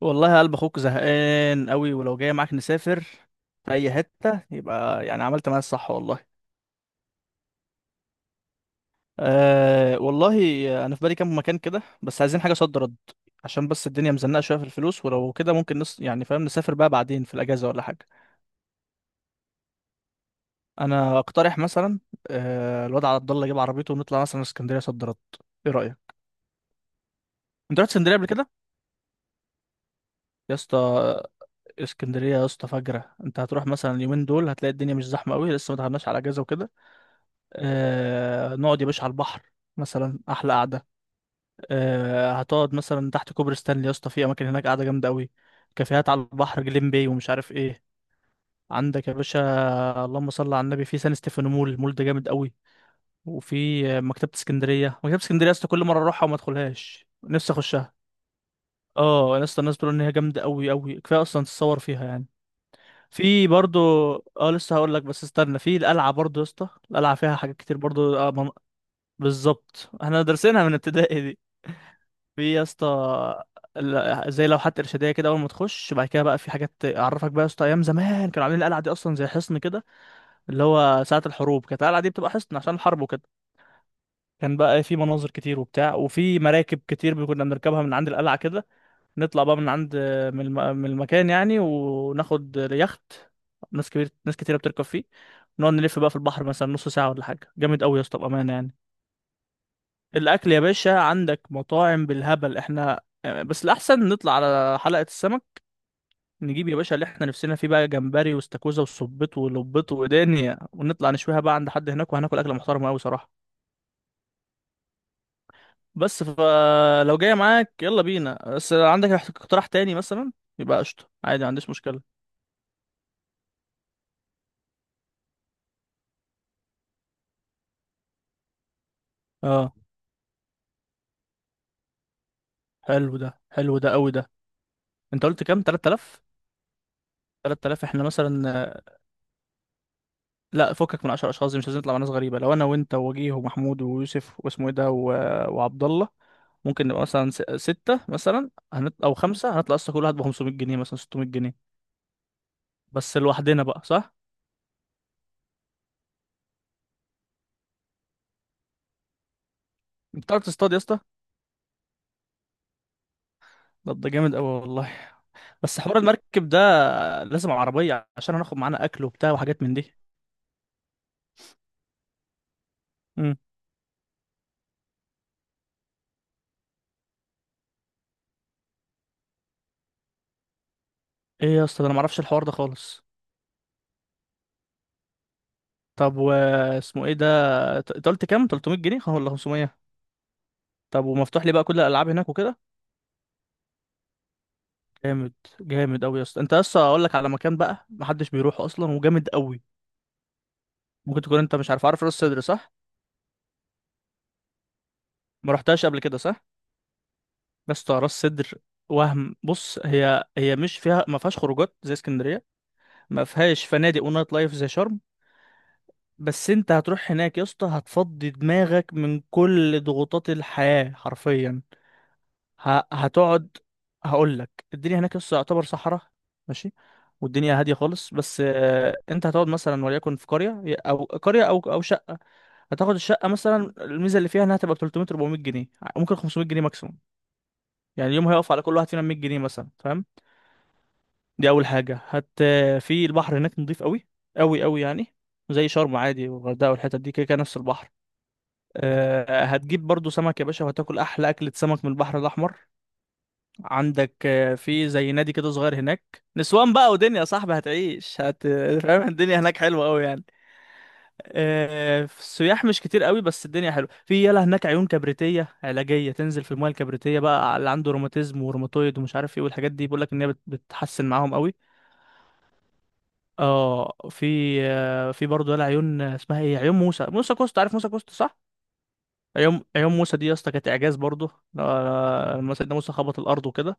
والله قلب اخوك زهقان قوي، ولو جاي معاك نسافر في اي حته يبقى يعني عملت معايا الصح والله. أه والله. انا في بالي كام مكان كده، بس عايزين حاجه صد رد. عشان بس الدنيا مزنقه شويه في الفلوس، ولو كده ممكن نص يعني فاهم نسافر بقى بعدين في الاجازه ولا حاجه. انا اقترح مثلا. أه الواد عبد الله يجيب عربيته ونطلع مثلا اسكندريه صد رد. ايه رايك؟ انت رحت اسكندريه قبل كده؟ يا اسطى، اسكندريه يا اسطى فجره. انت هتروح مثلا اليومين دول، هتلاقي الدنيا مش زحمه قوي، لسه ما دخلناش على اجازه وكده. آه نقعد يا باشا على البحر، مثلا احلى قعده. آه هتقعد مثلا تحت كوبري ستانلي يا اسطى، في اماكن هناك قاعده جامده قوي. كافيهات على البحر، جليم باي ومش عارف ايه. عندك يا باشا اللهم صل على النبي في سان ستيفانو مول. المول ده جامد قوي. وفي مكتبه اسكندريه يا اسطى، كل مره اروحها وما ادخلهاش، نفسي اخشها. اه يا اسطى، الناس بتقول ان هي جامده قوي قوي. كفايه اصلا تتصور فيها يعني. في برضو. اه لسه هقول لك، بس استنى. في القلعه برضو يا اسطى، القلعه فيها حاجات كتير برضو. بالظبط، احنا دارسينها من ابتدائي دي. في يا اسطى زي لوحات ارشاديه كده اول ما تخش. بعد كده بقى في حاجات اعرفك بقى يا اسطى، ايام زمان كانوا عاملين القلعه دي اصلا زي حصن كده. اللي هو ساعه الحروب كانت القلعه دي بتبقى حصن عشان الحرب وكده. كان بقى في مناظر كتير وبتاع، وفي مراكب كتير كنا بنركبها من عند القلعه كده. نطلع بقى من عند من المكان يعني وناخد يخت. ناس كبير، ناس كتيره بتركب فيه. نقعد نلف بقى في البحر مثلا نص ساعه ولا حاجه، جامد قوي يا اسطى بامانه يعني. الاكل يا باشا، عندك مطاعم بالهبل، احنا بس الاحسن نطلع على حلقة السمك. نجيب يا باشا اللي احنا نفسنا فيه بقى، جمبري واستاكوزا وصبيط ولبيط ودنيا، ونطلع نشويها بقى عند حد هناك، وهناكل اكله محترمه قوي صراحه. بس فلو جاي معاك يلا بينا، بس لو عندك اقتراح تاني مثلا يبقى قشطه، عادي ما عنديش مشكله. اه. حلو ده. حلو ده قوي ده. انت قلت كام، 3000؟ 3000 احنا مثلا، لا فكك من 10 اشخاص دي، مش لازم نطلع مع ناس غريبه. لو انا وانت ووجيه ومحمود ويوسف واسمه ايه ده و... وعبد الله، ممكن نبقى مثلا ستة مثلا او خمسة. هنطلع اصلا كل واحد ب 500 جنيه مثلا 600 جنيه. بس لوحدنا بقى، صح؟ انت بتعرف تصطاد يا اسطى؟ طب ده جامد قوي والله. بس حوار المركب ده لازم عربيه، عشان هناخد معانا اكل وبتاع وحاجات من دي. امم ايه يا اسطى ده، انا ما اعرفش الحوار ده خالص. طب واسمه ايه ده؟ انت قلت كام، 300 جنيه ولا 500؟ طب ومفتوح لي بقى كل الالعاب هناك وكده؟ جامد. جامد قوي يا اسطى، انت اصلا اقول لك على مكان بقى محدش بيروح اصلا وجامد قوي. ممكن تكون انت مش عارف. عارف راس سدر، صح؟ ما رحتهاش قبل كده صح؟ بس اسطى، راس سدر وهم، بص، هي مش فيها، ما فيهاش خروجات زي اسكندريه. ما فيهاش فنادق ونايت لايف زي شرم. بس انت هتروح هناك يا اسطى، هتفضي دماغك من كل ضغوطات الحياه حرفيا. هتقعد. هقول لك، الدنيا هناك لسه يعتبر صحراء. ماشي. والدنيا هاديه خالص. بس انت هتقعد مثلا وليكن في قريه او شقه. هتاخد الشقه مثلا، الميزه اللي فيها انها تبقى 300 400 جنيه، ممكن 500 جنيه ماكسيموم. يعني اليوم هيقف على كل واحد فينا 100 جنيه مثلا، فاهم؟ دي اول حاجه هت. في البحر هناك نضيف قوي، قوي قوي يعني. زي شرم عادي والغردقه والحتت دي، كده كده نفس البحر. هتجيب برضو سمك يا باشا، وهتاكل احلى اكله سمك من البحر الاحمر. عندك في زي نادي كده صغير هناك، نسوان بقى ودنيا يا صاحبي، هتعيش فاهم، الدنيا هناك حلوه قوي يعني. في السياح مش كتير قوي، بس الدنيا حلوه. في يلا هناك عيون كبريتيه علاجيه، تنزل في الميه الكبريتيه بقى على اللي عنده روماتيزم وروماتويد ومش عارف ايه والحاجات دي، بيقول لك ان هي بتحسن معاهم قوي. اه في في برضه يلا عيون، اسمها ايه، عيون موسى. موسى كوست، عارف موسى كوست صح؟ عيون موسى دي يا اسطى كانت اعجاز برضه. لما سيدنا موسى خبط الارض وكده.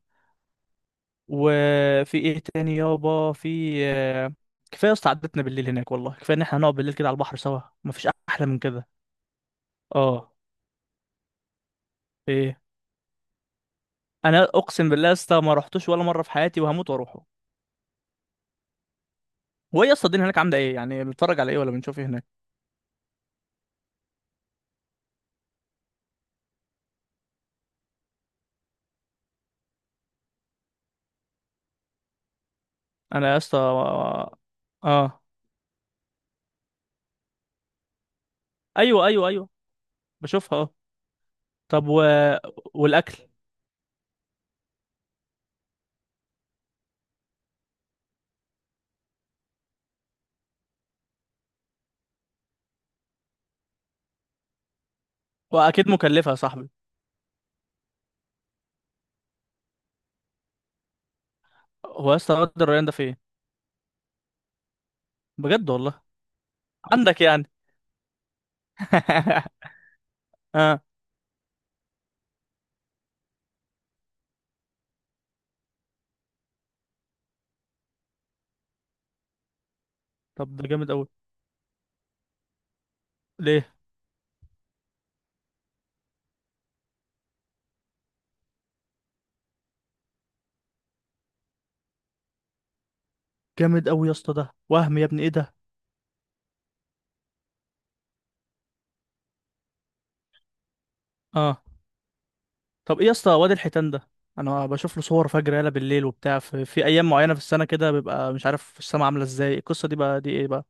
وفي ايه تاني يابا؟ في كفايه يا اسطى، عدتنا بالليل هناك والله، كفايه ان احنا هنقعد بالليل كده على البحر سوا، مفيش احلى من كده. اه. ايه؟ انا اقسم بالله يا اسطى، ما رحتوش ولا مره في حياتي وهموت واروحه. وهي يا اسطى الدنيا هناك عامله ايه يعني، بنتفرج على ايه ولا بنشوف ايه هناك؟ انا يا اسطى اه آه. ايوه ايوه ايوه. بشوفها اه. طب و... والاكل؟ واكيد مكلفه يا صاحبي. هو يا اسطى واد الريان ده فين؟ بجد والله. عندك يعني. اه. طب ده جامد قوي. جامد قوي يا اسطى، ده وهم يا ابني، ايه ده؟ اه. طب ايه يا اسطى واد الحيتان ده؟ انا بشوف له صور فجر يالا بالليل وبتاع، في ايام معينه في السنه كده بيبقى مش عارف السما عامله ازاي. القصه دي بقى دي ايه بقى؟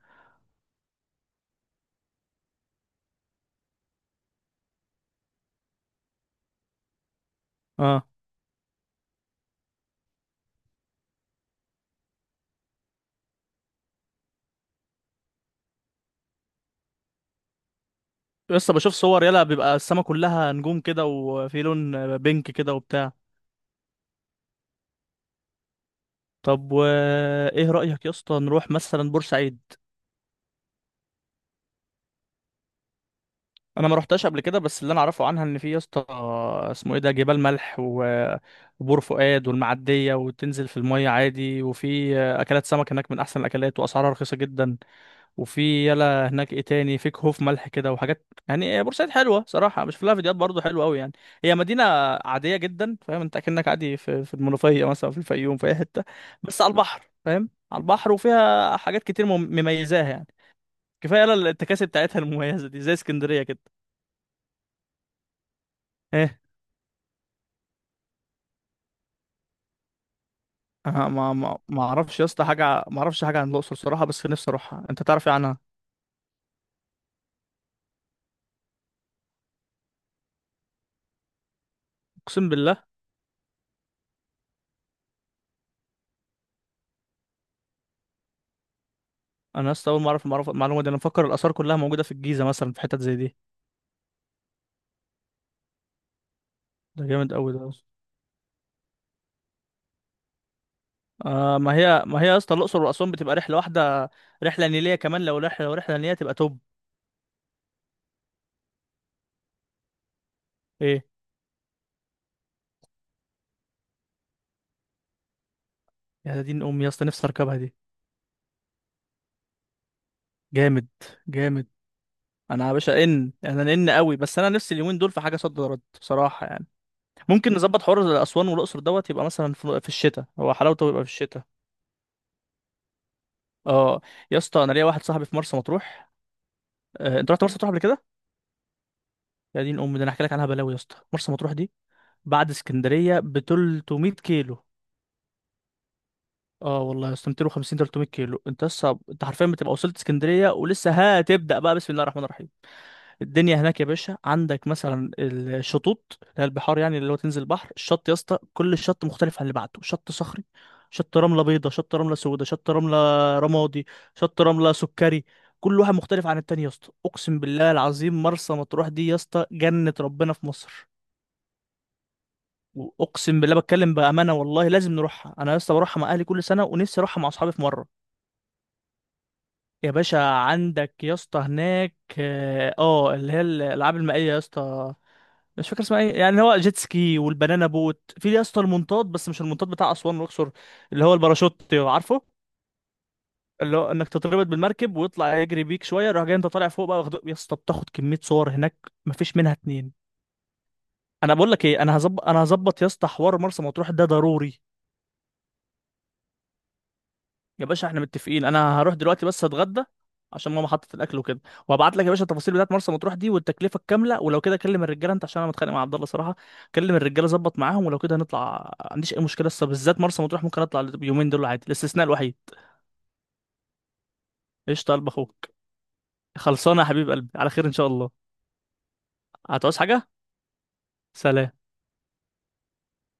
اه يا اسطى بشوف صور يالا، بيبقى السما كلها نجوم كده وفي لون بينك كده وبتاع. طب وايه رايك يا اسطى نروح مثلا بورسعيد؟ انا ما روحتش قبل كده، بس اللي انا اعرفه عنها ان في يا اسطى، اسمه ايه ده، جبال ملح وبور فؤاد والمعديه، وتنزل في الميه عادي، وفي اكلات سمك هناك من احسن الاكلات واسعارها رخيصه جدا. وفي يلا هناك ايه تاني، في كهوف ملح كده وحاجات. يعني بورسعيد حلوه صراحه، مش لها فيديوهات برضو حلوه قوي يعني. هي مدينه عاديه جدا فاهم، انت اكنك عادي في المنوفيه مثلا، في الفيوم، في اي حته، بس على البحر، فاهم، على البحر، وفيها حاجات كتير مميزاها يعني. كفايه يلا التكاسي بتاعتها المميزه دي زي اسكندريه كده. ايه؟ أه ما اعرفش يا اسطى حاجه، ما اعرفش حاجه عن الاقصر صراحه، بس نفسي اروحها. انت تعرف ايه عنها؟ اقسم بالله. انا لسه اول ما اعرف المعلومه دي، انا مفكر الاثار كلها موجوده في الجيزه مثلا، في حتت زي دي. ده جامد قوي ده يا اسطى. آه ما هي يا اسطى، الاقصر واسوان بتبقى رحله واحده، رحله نيليه كمان، لو رحله نيليه تبقى توب. ايه؟ يا دين امي يا اسطى، نفسي اركبها دي. جامد. جامد. انا يا باشا ان انا ان قوي، بس انا نفسي اليومين دول في حاجه صد رد بصراحه يعني. ممكن نظبط حوار اسوان والاقصر دوت، يبقى مثلا في الشتاء، هو حلاوته يبقى في الشتاء. اه. يا اسطى انا ليا واحد صاحبي في مرسى مطروح. انت رحت مرسى مطروح قبل كده؟ يا دين امي، ده انا هحكي لك عنها بلاوي يا اسطى. مرسى مطروح دي بعد اسكندريه ب 300 كيلو. اه والله يا اسطى، 250 300 كيلو، انت لسه، انت حرفيا بتبقى وصلت اسكندريه ولسه هتبدا بقى بسم الله الرحمن الرحيم. الدنيا هناك يا باشا، عندك مثلا الشطوط اللي هي البحار يعني، اللي هو تنزل بحر الشط يا اسطى، كل شط مختلف عن اللي بعده، شط صخري، شط رمله بيضاء، شط رمله سوداء، شط رمله رمادي، شط رمله سكري. كل واحد مختلف عن التاني يا اسطى، اقسم بالله العظيم، مرسى مطروح دي يا اسطى جنة ربنا في مصر. واقسم بالله بتكلم بامانه والله، لازم نروحها. انا يا اسطى بروحها مع اهلي كل سنه، ونفسي اروحها مع اصحابي في مره. يا باشا عندك يا اسطى هناك اه، اللي هي الالعاب المائيه يا اسطى، مش فاكر اسمها ايه يعني، هو جيت سكي والبنانا بوت. في يا اسطى المنطاد، بس مش المنطاد بتاع اسوان والاقصر، اللي هو الباراشوت، عارفه. اللي هو انك تتربط بالمركب ويطلع يجري بيك شويه راح جاي، انت طالع فوق بقى، واخده يا اسطى، بتاخد كميه صور هناك مفيش منها اتنين. انا بقول لك ايه، انا هظبط يا اسطى، حوار مرسى مطروح ده ضروري. يا باشا احنا متفقين، انا هروح دلوقتي بس اتغدى عشان ماما حطت الاكل وكده، وهبعت لك يا باشا التفاصيل بتاعت مرسى مطروح دي والتكلفه الكامله، ولو كده كلم الرجاله انت، عشان انا متخانق مع عبد الله صراحه. كلم الرجاله، ظبط معاهم، ولو كده هنطلع ما عنديش اي مشكله، لسه بالذات مرسى مطروح ممكن اطلع اليومين دول عادي، الاستثناء الوحيد. قشطه قلب اخوك. خلصانه يا حبيب قلبي، على خير ان شاء الله. هتعوز حاجه؟ سلام.